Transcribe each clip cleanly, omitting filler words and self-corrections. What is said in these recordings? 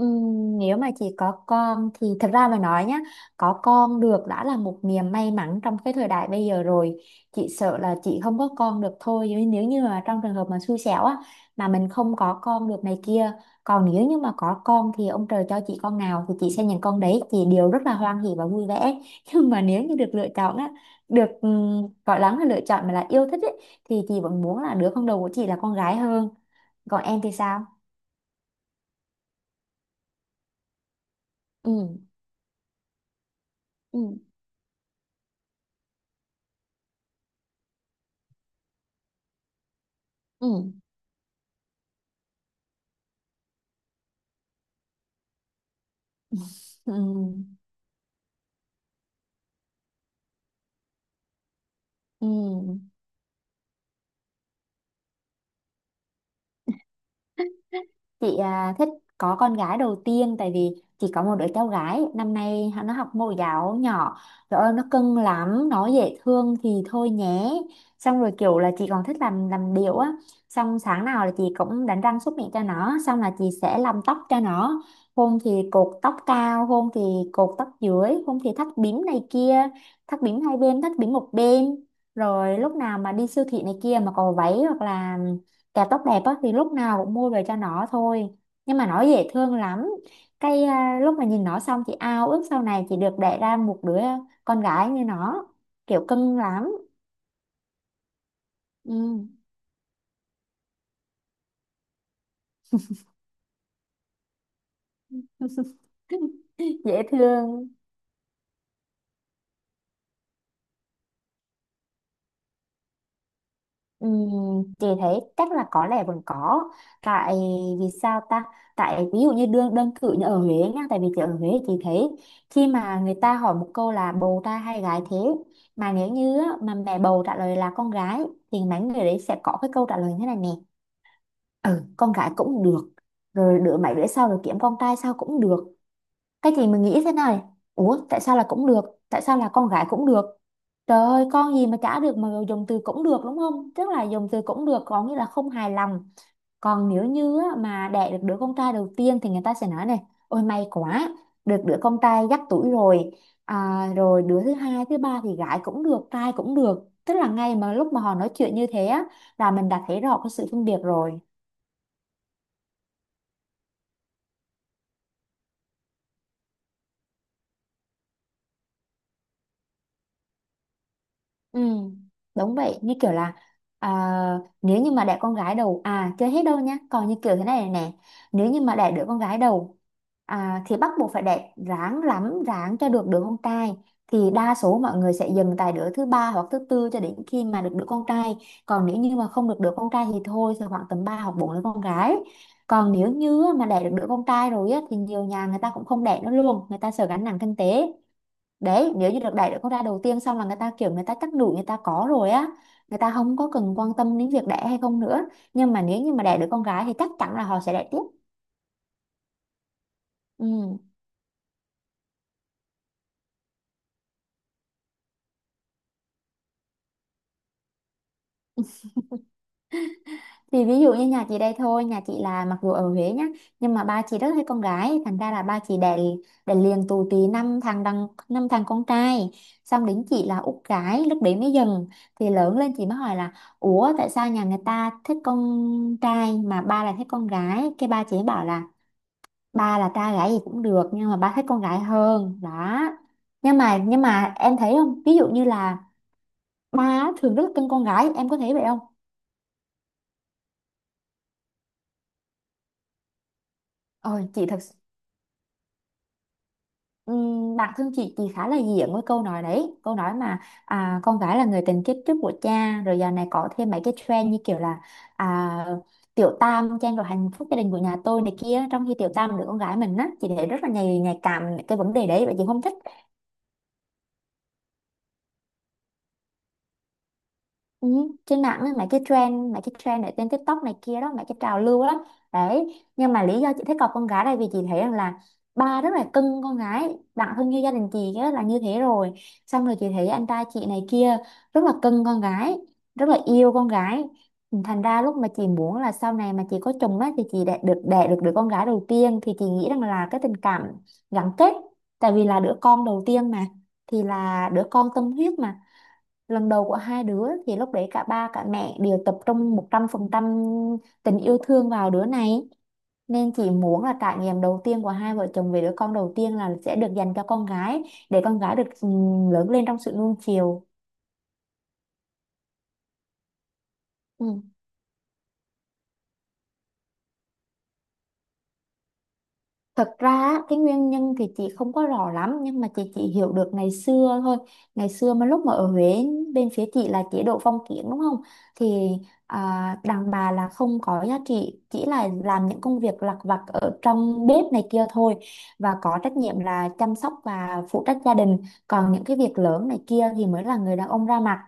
Nếu mà chỉ có con thì thật ra mà nói nhá, có con được đã là một niềm may mắn trong cái thời đại bây giờ rồi. Chị sợ là chị không có con được thôi, nhưng nếu như mà trong trường hợp mà xui xẻo á, mà mình không có con được này kia. Còn nếu như mà có con thì ông trời cho chị con nào thì chị sẽ nhận con đấy, chị đều rất là hoan hỉ và vui vẻ. Nhưng mà nếu như được lựa chọn á, được gọi lắm là lựa chọn mà là yêu thích ấy, thì chị vẫn muốn là đứa con đầu của chị là con gái hơn. Còn em thì sao? Ừ. Ừ. Ừ. Ừ. Ừ. Chị thích có con gái đầu tiên tại vì chỉ có một đứa cháu gái, năm nay nó học mẫu giáo nhỏ. Trời ơi, nó cưng lắm, nó dễ thương thì thôi nhé. Xong rồi kiểu là chị còn thích làm điệu á, xong sáng nào là chị cũng đánh răng súc miệng cho nó, xong là chị sẽ làm tóc cho nó. Hôm thì cột tóc cao, hôm thì cột tóc dưới, hôm thì thắt bím này kia, thắt bím hai bên, thắt bím một bên. Rồi lúc nào mà đi siêu thị này kia mà có váy hoặc là kẹo tóc đẹp á thì lúc nào cũng mua về cho nó thôi. Nhưng mà nó dễ thương lắm. Lúc mà nhìn nó xong chị ao ước sau này chị được đẻ ra một đứa con gái như nó, kiểu cưng lắm. Ừ. Dễ thương. Chị thấy chắc là có lẽ vẫn có. Tại vì sao ta? Tại ví dụ như đơn đơn cử như ở Huế nha, tại vì chị ở Huế chị thấy khi mà người ta hỏi một câu là bầu trai hay gái thế, mà nếu như á, mà mẹ bầu trả lời là con gái, thì mấy người đấy sẽ có cái câu trả lời thế này nè: ừ con gái cũng được, rồi đứa mấy đứa sau rồi kiếm con trai sao cũng được. Cái gì mình nghĩ thế này: ủa tại sao là cũng được, tại sao là con gái cũng được? Trời ơi con gì mà chả được, mà dùng từ cũng được đúng không, tức là dùng từ cũng được có nghĩa là không hài lòng. Còn nếu như á, mà đẻ được đứa con trai đầu tiên thì người ta sẽ nói này: ôi may quá, được đứa con trai dắt tuổi rồi. Rồi đứa thứ hai thứ ba thì gái cũng được trai cũng được, tức là ngay mà lúc mà họ nói chuyện như thế á, là mình đã thấy rõ cái sự phân biệt rồi. Ừ, đúng vậy như kiểu là, à, nếu như mà đẻ con gái đầu à chưa hết đâu nhá, còn như kiểu thế này này nè, nếu như mà đẻ đứa con gái đầu, thì bắt buộc phải đẻ, ráng lắm ráng cho được đứa con trai. Thì đa số mọi người sẽ dừng tại đứa thứ ba hoặc thứ tư cho đến khi mà được đứa con trai. Còn nếu như mà không được đứa con trai thì thôi, sẽ khoảng tầm 3 hoặc 4 đứa con gái. Còn nếu như mà đẻ được đứa con trai rồi á, thì nhiều nhà người ta cũng không đẻ nữa luôn, người ta sợ gánh nặng kinh tế. Đấy, nếu như được đẩy được con ra đầu tiên xong là người ta kiểu, người ta chắc đủ, người ta có rồi á, người ta không có cần quan tâm đến việc đẻ hay không nữa. Nhưng mà nếu như mà đẻ được con gái thì chắc chắn là họ sẽ đẻ tiếp. Ừ. Thì ví dụ như nhà chị đây thôi, nhà chị là mặc dù ở Huế nhá, nhưng mà ba chị rất thích con gái thành ra là ba chị đẻ đẻ liền tù tì năm thằng, đằng năm thằng con trai. Xong đến chị là út gái, lúc đấy mới dần. Thì lớn lên chị mới hỏi là: ủa tại sao nhà người ta thích con trai mà ba lại thích con gái, cái ba chị ấy bảo là: ba là trai gái gì cũng được nhưng mà ba thích con gái hơn đó. Nhưng mà em thấy không, ví dụ như là ba á, thường rất là cưng con gái, em có thấy vậy không? ờ chị thật s- Bản thân chị khá là diện với câu nói đấy, câu nói mà con gái là người tình kiếp trước của cha, rồi giờ này có thêm mấy cái trend như kiểu là à, tiểu tam trang rồi hạnh phúc gia đình của nhà tôi này kia, trong khi tiểu tam là đứa con gái mình á, chị thấy rất là nhạy nhạy cảm cái vấn đề đấy và chị không thích. Ừ, trên mạng á, mấy cái trend ở trên TikTok này kia đó, mấy cái trào lưu đó. Đấy nhưng mà lý do chị thích cọc con gái đây vì chị thấy rằng là ba rất là cưng con gái, đặng thân như gia đình chị á, là như thế rồi. Xong rồi chị thấy anh trai chị này kia rất là cưng con gái, rất là yêu con gái. Thành ra lúc mà chị muốn là sau này mà chị có chồng á thì chị đẻ được đứa con gái đầu tiên thì chị nghĩ rằng là cái tình cảm gắn kết, tại vì là đứa con đầu tiên mà, thì là đứa con tâm huyết mà, lần đầu của hai đứa thì lúc đấy cả ba cả mẹ đều tập trung 100% tình yêu thương vào đứa này. Nên chị muốn là trải nghiệm đầu tiên của hai vợ chồng về đứa con đầu tiên là sẽ được dành cho con gái, để con gái được lớn lên trong sự nuông chiều. Ừ. Thật ra á, cái nguyên nhân thì chị không có rõ lắm nhưng mà chị chỉ hiểu được ngày xưa thôi. Ngày xưa mà lúc mà ở Huế, bên phía chị là chế độ phong kiến đúng không? Thì đàn bà là không có giá trị, chỉ là làm những công việc lặt vặt ở trong bếp này kia thôi và có trách nhiệm là chăm sóc và phụ trách gia đình. Còn những cái việc lớn này kia thì mới là người đàn ông ra mặt.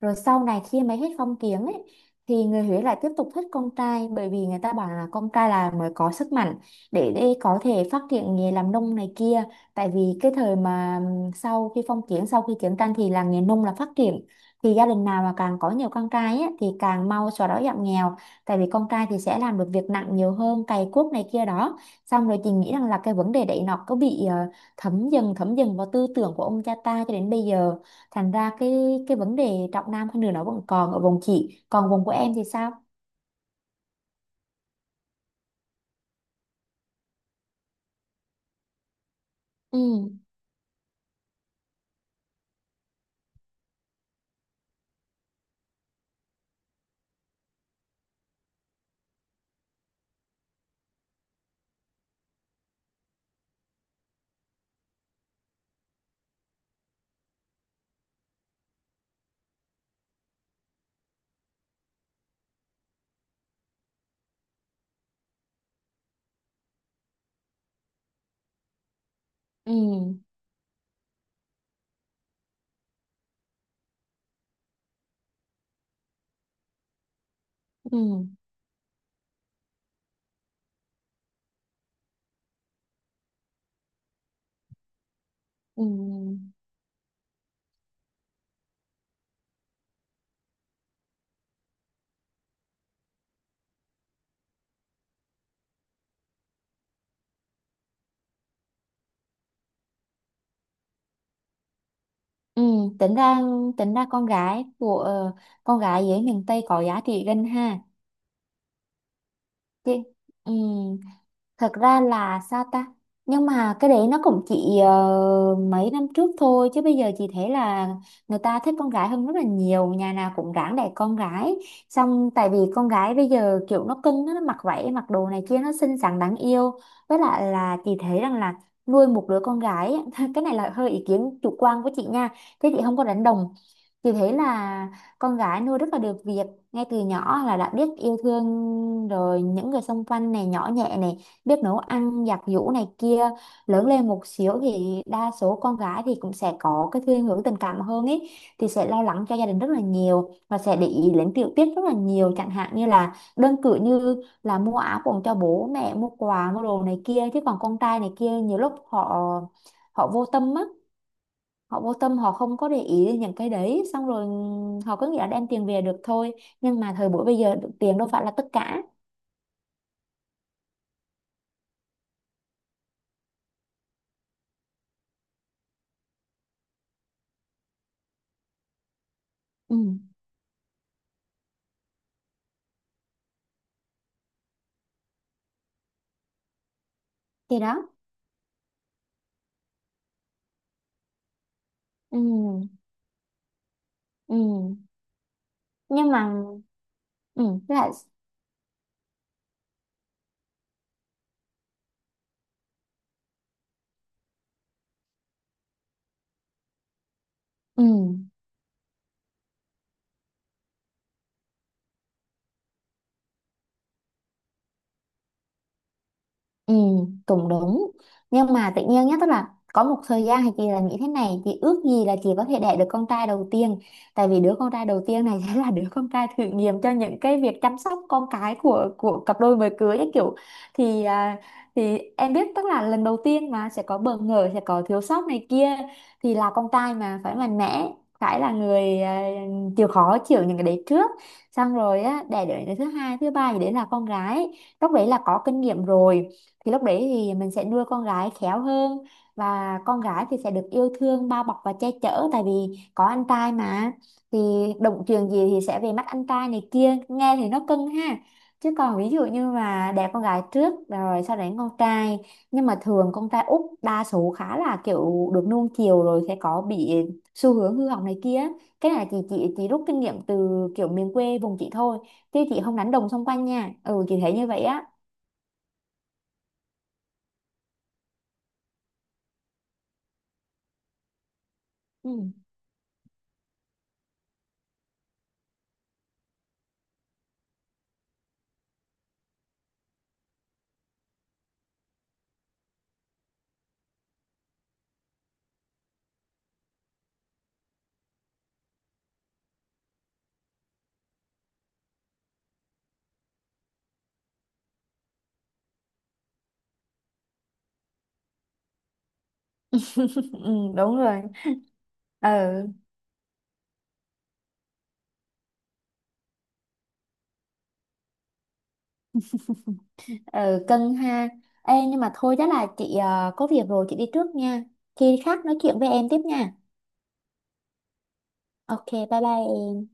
Rồi sau này khi mà hết phong kiến ấy thì người Huế lại tiếp tục thích con trai, bởi vì người ta bảo là con trai là mới có sức mạnh để có thể phát triển nghề làm nông này kia. Tại vì cái thời mà sau khi phong kiến, sau khi chiến tranh thì là nghề nông là phát triển. Thì gia đình nào mà càng có nhiều con trai ấy, thì càng mau xóa đói giảm nghèo. Tại vì con trai thì sẽ làm được việc nặng nhiều hơn, cày cuốc này kia đó. Xong rồi chị nghĩ rằng là cái vấn đề đấy nó có bị thấm dần vào tư tưởng của ông cha ta cho đến bây giờ, thành ra cái vấn đề trọng nam khinh nữ nó vẫn còn ở vùng chị, còn vùng của em thì sao? Ừ. Ừ. Ừ. Ừ. Ừ. tính ra tính ra con gái của con gái dưới miền Tây có giá trị gần ha. Chứ. Ừ. Thật ra là sao ta? Nhưng mà cái đấy nó cũng chỉ mấy năm trước thôi, chứ bây giờ chị thấy là người ta thích con gái hơn rất là nhiều, nhà nào cũng ráng đẻ con gái. Xong tại vì con gái bây giờ kiểu nó cưng á, nó mặc váy mặc đồ này kia nó xinh xắn đáng yêu. Với lại là chị thấy rằng là nuôi một đứa con gái á, cái này là hơi ý kiến chủ quan của chị nha, thế chị không có đánh đồng. Chị thấy là con gái nuôi rất là được việc, ngay từ nhỏ là đã biết yêu thương rồi những người xung quanh này, nhỏ nhẹ này, biết nấu ăn giặt giũ này kia. Lớn lên một xíu thì đa số con gái thì cũng sẽ có cái thiên hướng tình cảm hơn ấy, thì sẽ lo lắng cho gia đình rất là nhiều và sẽ để ý đến tiểu tiết rất là nhiều, chẳng hạn như là đơn cử như là mua áo quần cho bố mẹ, mua quà, mua đồ này kia. Chứ còn con trai này kia nhiều lúc họ họ vô tâm á, họ vô tâm họ không có để ý đến những cái đấy, xong rồi họ cứ nghĩ là đem tiền về được thôi. Nhưng mà thời buổi bây giờ tiền đâu phải là tất cả. Ừ thì đó. Ừ. Ừ. Nhưng mà. Ừ lại. Ừ. Ừ, cũng đúng. Nhưng mà tự nhiên nhá, tức là có một thời gian thì chị là nghĩ thế này, chị ước gì là chị có thể đẻ được con trai đầu tiên. Tại vì đứa con trai đầu tiên này sẽ là đứa con trai thử nghiệm cho những cái việc chăm sóc con cái của cặp đôi mới cưới ấy kiểu, thì thì em biết tức là lần đầu tiên mà sẽ có bỡ ngỡ, sẽ có thiếu sót này kia, thì là con trai mà phải mạnh mẽ, phải là người chịu khó chịu những cái đấy trước. Xong rồi á, đẻ đứa thứ hai, thứ ba gì đấy là con gái. Lúc đấy là có kinh nghiệm rồi thì lúc đấy thì mình sẽ nuôi con gái khéo hơn, và con gái thì sẽ được yêu thương bao bọc và che chở, tại vì có anh trai mà, thì động chuyện gì thì sẽ về mắt anh trai này kia, nghe thì nó cưng ha. Chứ còn ví dụ như mà đẻ con gái trước rồi sau đấy con trai, nhưng mà thường con trai út đa số khá là kiểu được nuông chiều rồi sẽ có bị xu hướng hư hỏng này kia. Cái này chị rút kinh nghiệm từ kiểu miền quê vùng chị thôi, chứ chị không đánh đồng xung quanh nha. Ừ chị thấy như vậy á. Ừ. Ừ, đúng rồi. Ừ. Ừ, cân ha. Ê nhưng mà thôi chắc là chị có việc rồi chị đi trước nha. Khi khác nói chuyện với em tiếp nha. Ok, bye bye em.